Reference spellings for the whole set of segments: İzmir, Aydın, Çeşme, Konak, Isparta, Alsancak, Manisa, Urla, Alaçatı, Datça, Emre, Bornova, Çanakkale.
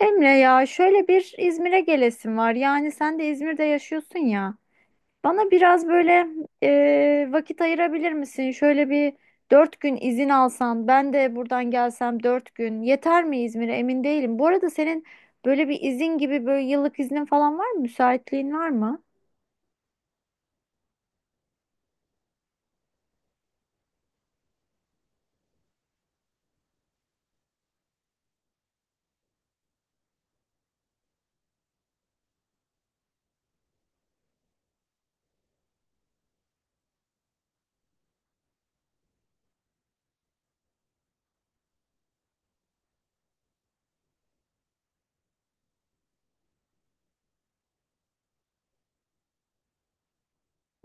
Emre, ya şöyle bir İzmir'e gelesim var. Yani sen de İzmir'de yaşıyorsun ya. Bana biraz böyle vakit ayırabilir misin? Şöyle bir 4 gün izin alsan, ben de buradan gelsem 4 gün yeter mi İzmir'e? Emin değilim. Bu arada senin böyle bir izin gibi böyle yıllık iznin falan var mı? Müsaitliğin var mı?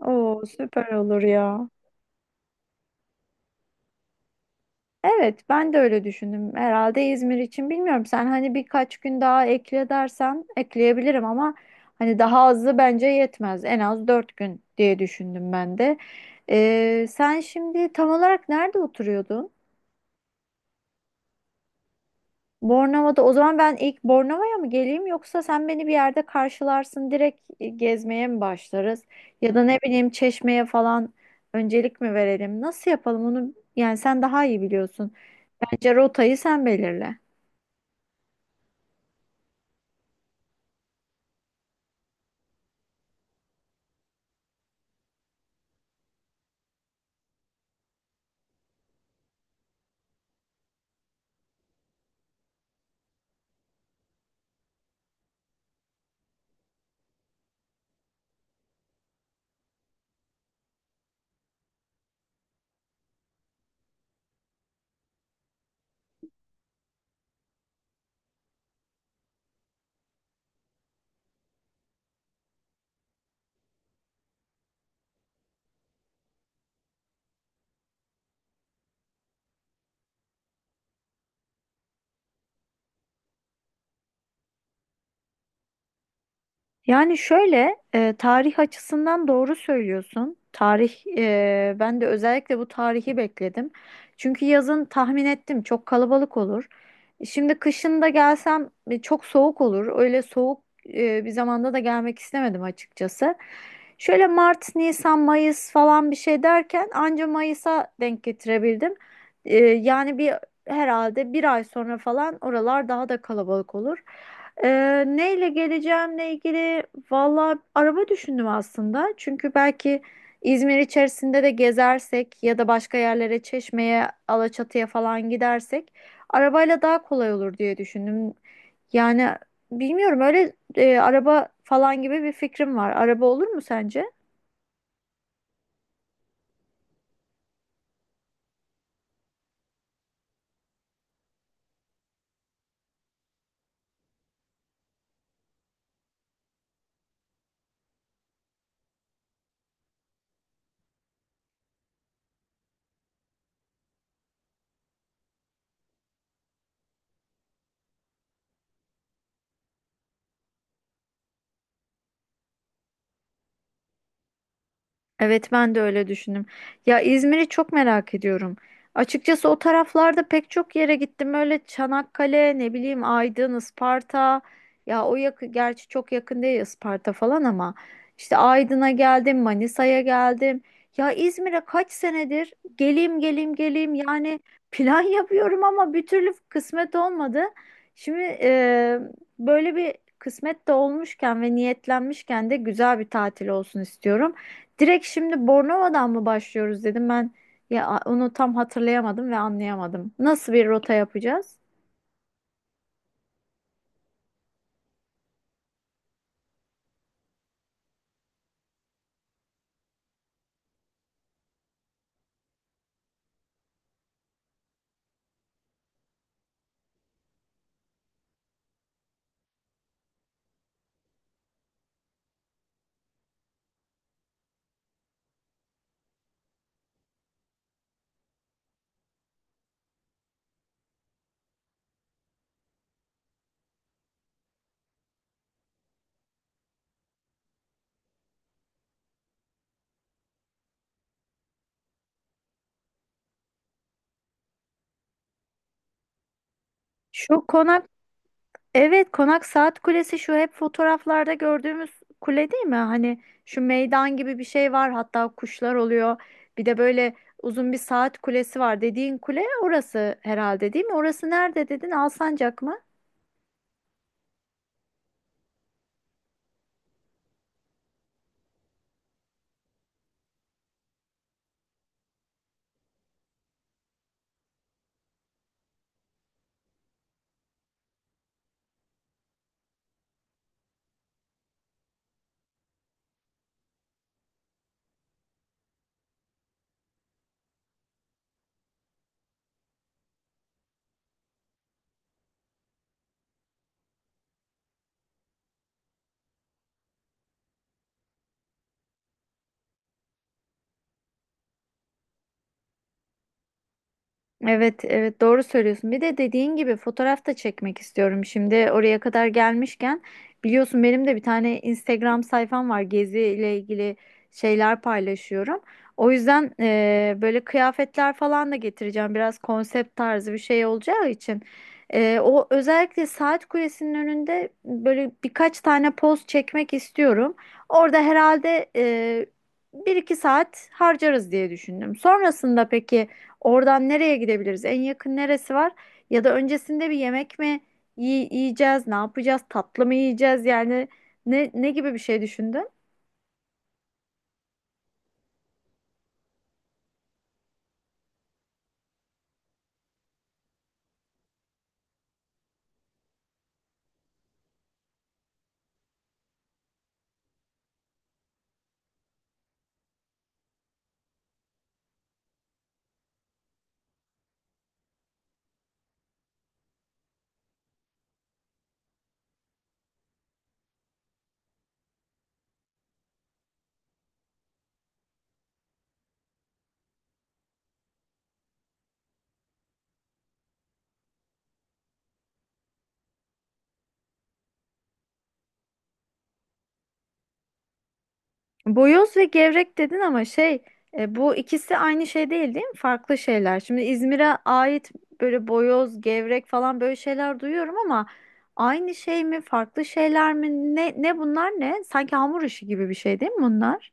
Oo, süper olur ya. Evet, ben de öyle düşündüm. Herhalde İzmir için, bilmiyorum. Sen hani birkaç gün daha ekle dersen ekleyebilirim ama hani daha azı bence yetmez. En az 4 gün diye düşündüm ben de. Sen şimdi tam olarak nerede oturuyordun? Bornova'da. O zaman ben ilk Bornova'ya mı geleyim yoksa sen beni bir yerde karşılarsın, direkt gezmeye mi başlarız? Ya da ne bileyim, Çeşme'ye falan öncelik mi verelim? Nasıl yapalım onu? Yani sen daha iyi biliyorsun. Bence rotayı sen belirle. Yani şöyle, tarih açısından doğru söylüyorsun. Ben de özellikle bu tarihi bekledim. Çünkü yazın tahmin ettim, çok kalabalık olur. Şimdi kışın da gelsem çok soğuk olur. Öyle soğuk bir zamanda da gelmek istemedim açıkçası. Şöyle Mart, Nisan, Mayıs falan bir şey derken anca Mayıs'a denk getirebildim. Yani bir, herhalde bir ay sonra falan oralar daha da kalabalık olur. Neyle geleceğimle ilgili valla araba düşündüm aslında. Çünkü belki İzmir içerisinde de gezersek ya da başka yerlere, Çeşme'ye, Alaçatı'ya falan gidersek arabayla daha kolay olur diye düşündüm. Yani bilmiyorum, öyle araba falan gibi bir fikrim var. Araba olur mu sence? Evet, ben de öyle düşündüm. Ya, İzmir'i çok merak ediyorum. Açıkçası o taraflarda pek çok yere gittim. Öyle Çanakkale, ne bileyim, Aydın, Isparta. Ya o yakın, gerçi çok yakın değil Isparta falan, ama işte Aydın'a geldim, Manisa'ya geldim. Ya İzmir'e kaç senedir geleyim geleyim geleyim, yani plan yapıyorum ama bir türlü kısmet olmadı. Şimdi böyle bir kısmet de olmuşken ve niyetlenmişken de güzel bir tatil olsun istiyorum. Direkt şimdi Bornova'dan mı başlıyoruz dedim ben, ya onu tam hatırlayamadım ve anlayamadım. Nasıl bir rota yapacağız? Şu konak, evet, konak saat kulesi, şu hep fotoğraflarda gördüğümüz kule değil mi? Hani şu meydan gibi bir şey var, hatta kuşlar oluyor. Bir de böyle uzun bir saat kulesi var dediğin kule, orası herhalde değil mi? Orası nerede dedin? Alsancak mı? Evet, evet, doğru söylüyorsun. Bir de dediğin gibi fotoğraf da çekmek istiyorum. Şimdi oraya kadar gelmişken, biliyorsun benim de bir tane Instagram sayfam var. Gezi ile ilgili şeyler paylaşıyorum. O yüzden böyle kıyafetler falan da getireceğim. Biraz konsept tarzı bir şey olacağı için. O özellikle saat kulesinin önünde böyle birkaç tane poz çekmek istiyorum. Orada herhalde bir iki saat harcarız diye düşündüm. Sonrasında peki, oradan nereye gidebiliriz? En yakın neresi var? Ya da öncesinde bir yemek mi yiyeceğiz? Ne yapacağız? Tatlı mı yiyeceğiz? Yani ne gibi bir şey düşündün? Boyoz ve gevrek dedin ama şey, bu ikisi aynı şey değil, değil mi? Farklı şeyler. Şimdi İzmir'e ait böyle boyoz, gevrek falan böyle şeyler duyuyorum ama aynı şey mi, farklı şeyler mi? Ne bunlar, ne? Sanki hamur işi gibi bir şey değil mi bunlar?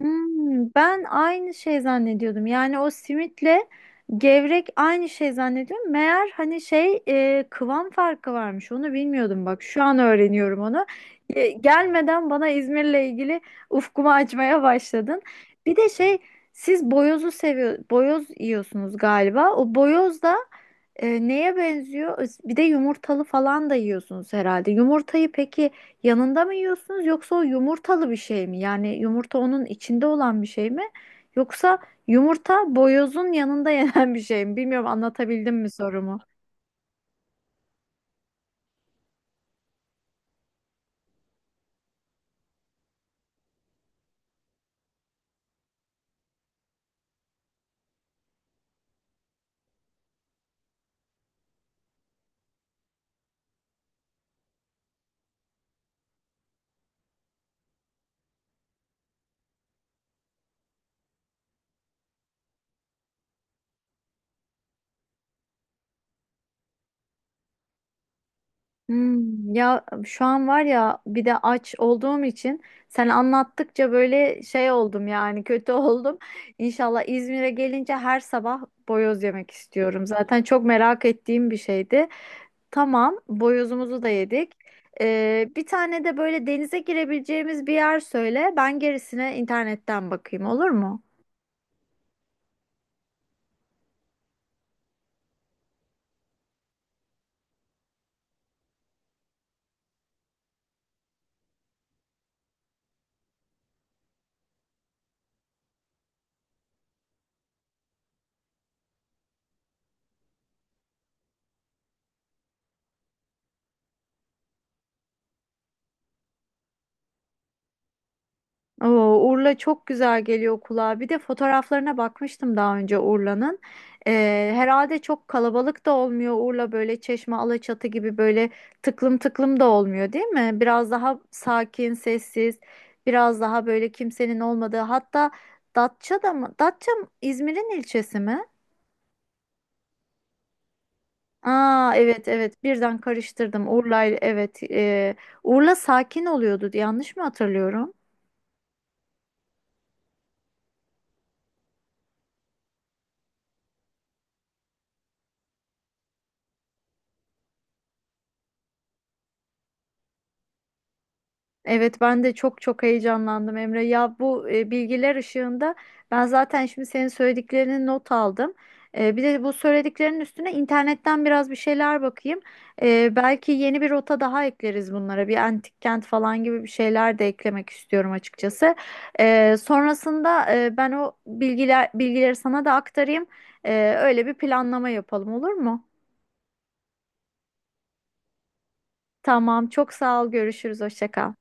Hmm, ben aynı şey zannediyordum. Yani o simitle gevrek aynı şey zannediyorum. Meğer, hani şey, kıvam farkı varmış. Onu bilmiyordum, bak. Şu an öğreniyorum onu. Gelmeden bana İzmir'le ilgili ufkumu açmaya başladın. Bir de şey, siz boyozu seviyor, boyoz yiyorsunuz galiba. O boyoz da neye benziyor? Bir de yumurtalı falan da yiyorsunuz herhalde. Yumurtayı peki yanında mı yiyorsunuz, yoksa o yumurtalı bir şey mi? Yani yumurta onun içinde olan bir şey mi? Yoksa yumurta boyozun yanında yenen bir şey mi? Bilmiyorum, anlatabildim mi sorumu? Hmm, ya şu an var ya, bir de aç olduğum için sen anlattıkça böyle şey oldum, yani kötü oldum. İnşallah İzmir'e gelince her sabah boyoz yemek istiyorum. Zaten çok merak ettiğim bir şeydi. Tamam, boyozumuzu da yedik. Bir tane de böyle denize girebileceğimiz bir yer söyle. Ben gerisine internetten bakayım, olur mu? Oo, Urla çok güzel geliyor kulağa. Bir de fotoğraflarına bakmıştım daha önce Urla'nın. Herhalde çok kalabalık da olmuyor Urla, böyle Çeşme, Alaçatı gibi böyle tıklım tıklım da olmuyor, değil mi? Biraz daha sakin, sessiz, biraz daha böyle kimsenin olmadığı. Hatta Datça da mı? Datça İzmir'in ilçesi mi? Aa, evet, evet, birden karıştırdım. Urla, evet, Urla sakin oluyordu, yanlış mı hatırlıyorum? Evet, ben de çok çok heyecanlandım Emre. Ya bu, bilgiler ışığında ben zaten şimdi senin söylediklerini not aldım. Bir de bu söylediklerinin üstüne internetten biraz bir şeyler bakayım. Belki yeni bir rota daha ekleriz bunlara. Bir antik kent falan gibi bir şeyler de eklemek istiyorum açıkçası. Sonrasında ben o bilgileri sana da aktarayım. Öyle bir planlama yapalım, olur mu? Tamam, çok sağ ol, görüşürüz, hoşça kal.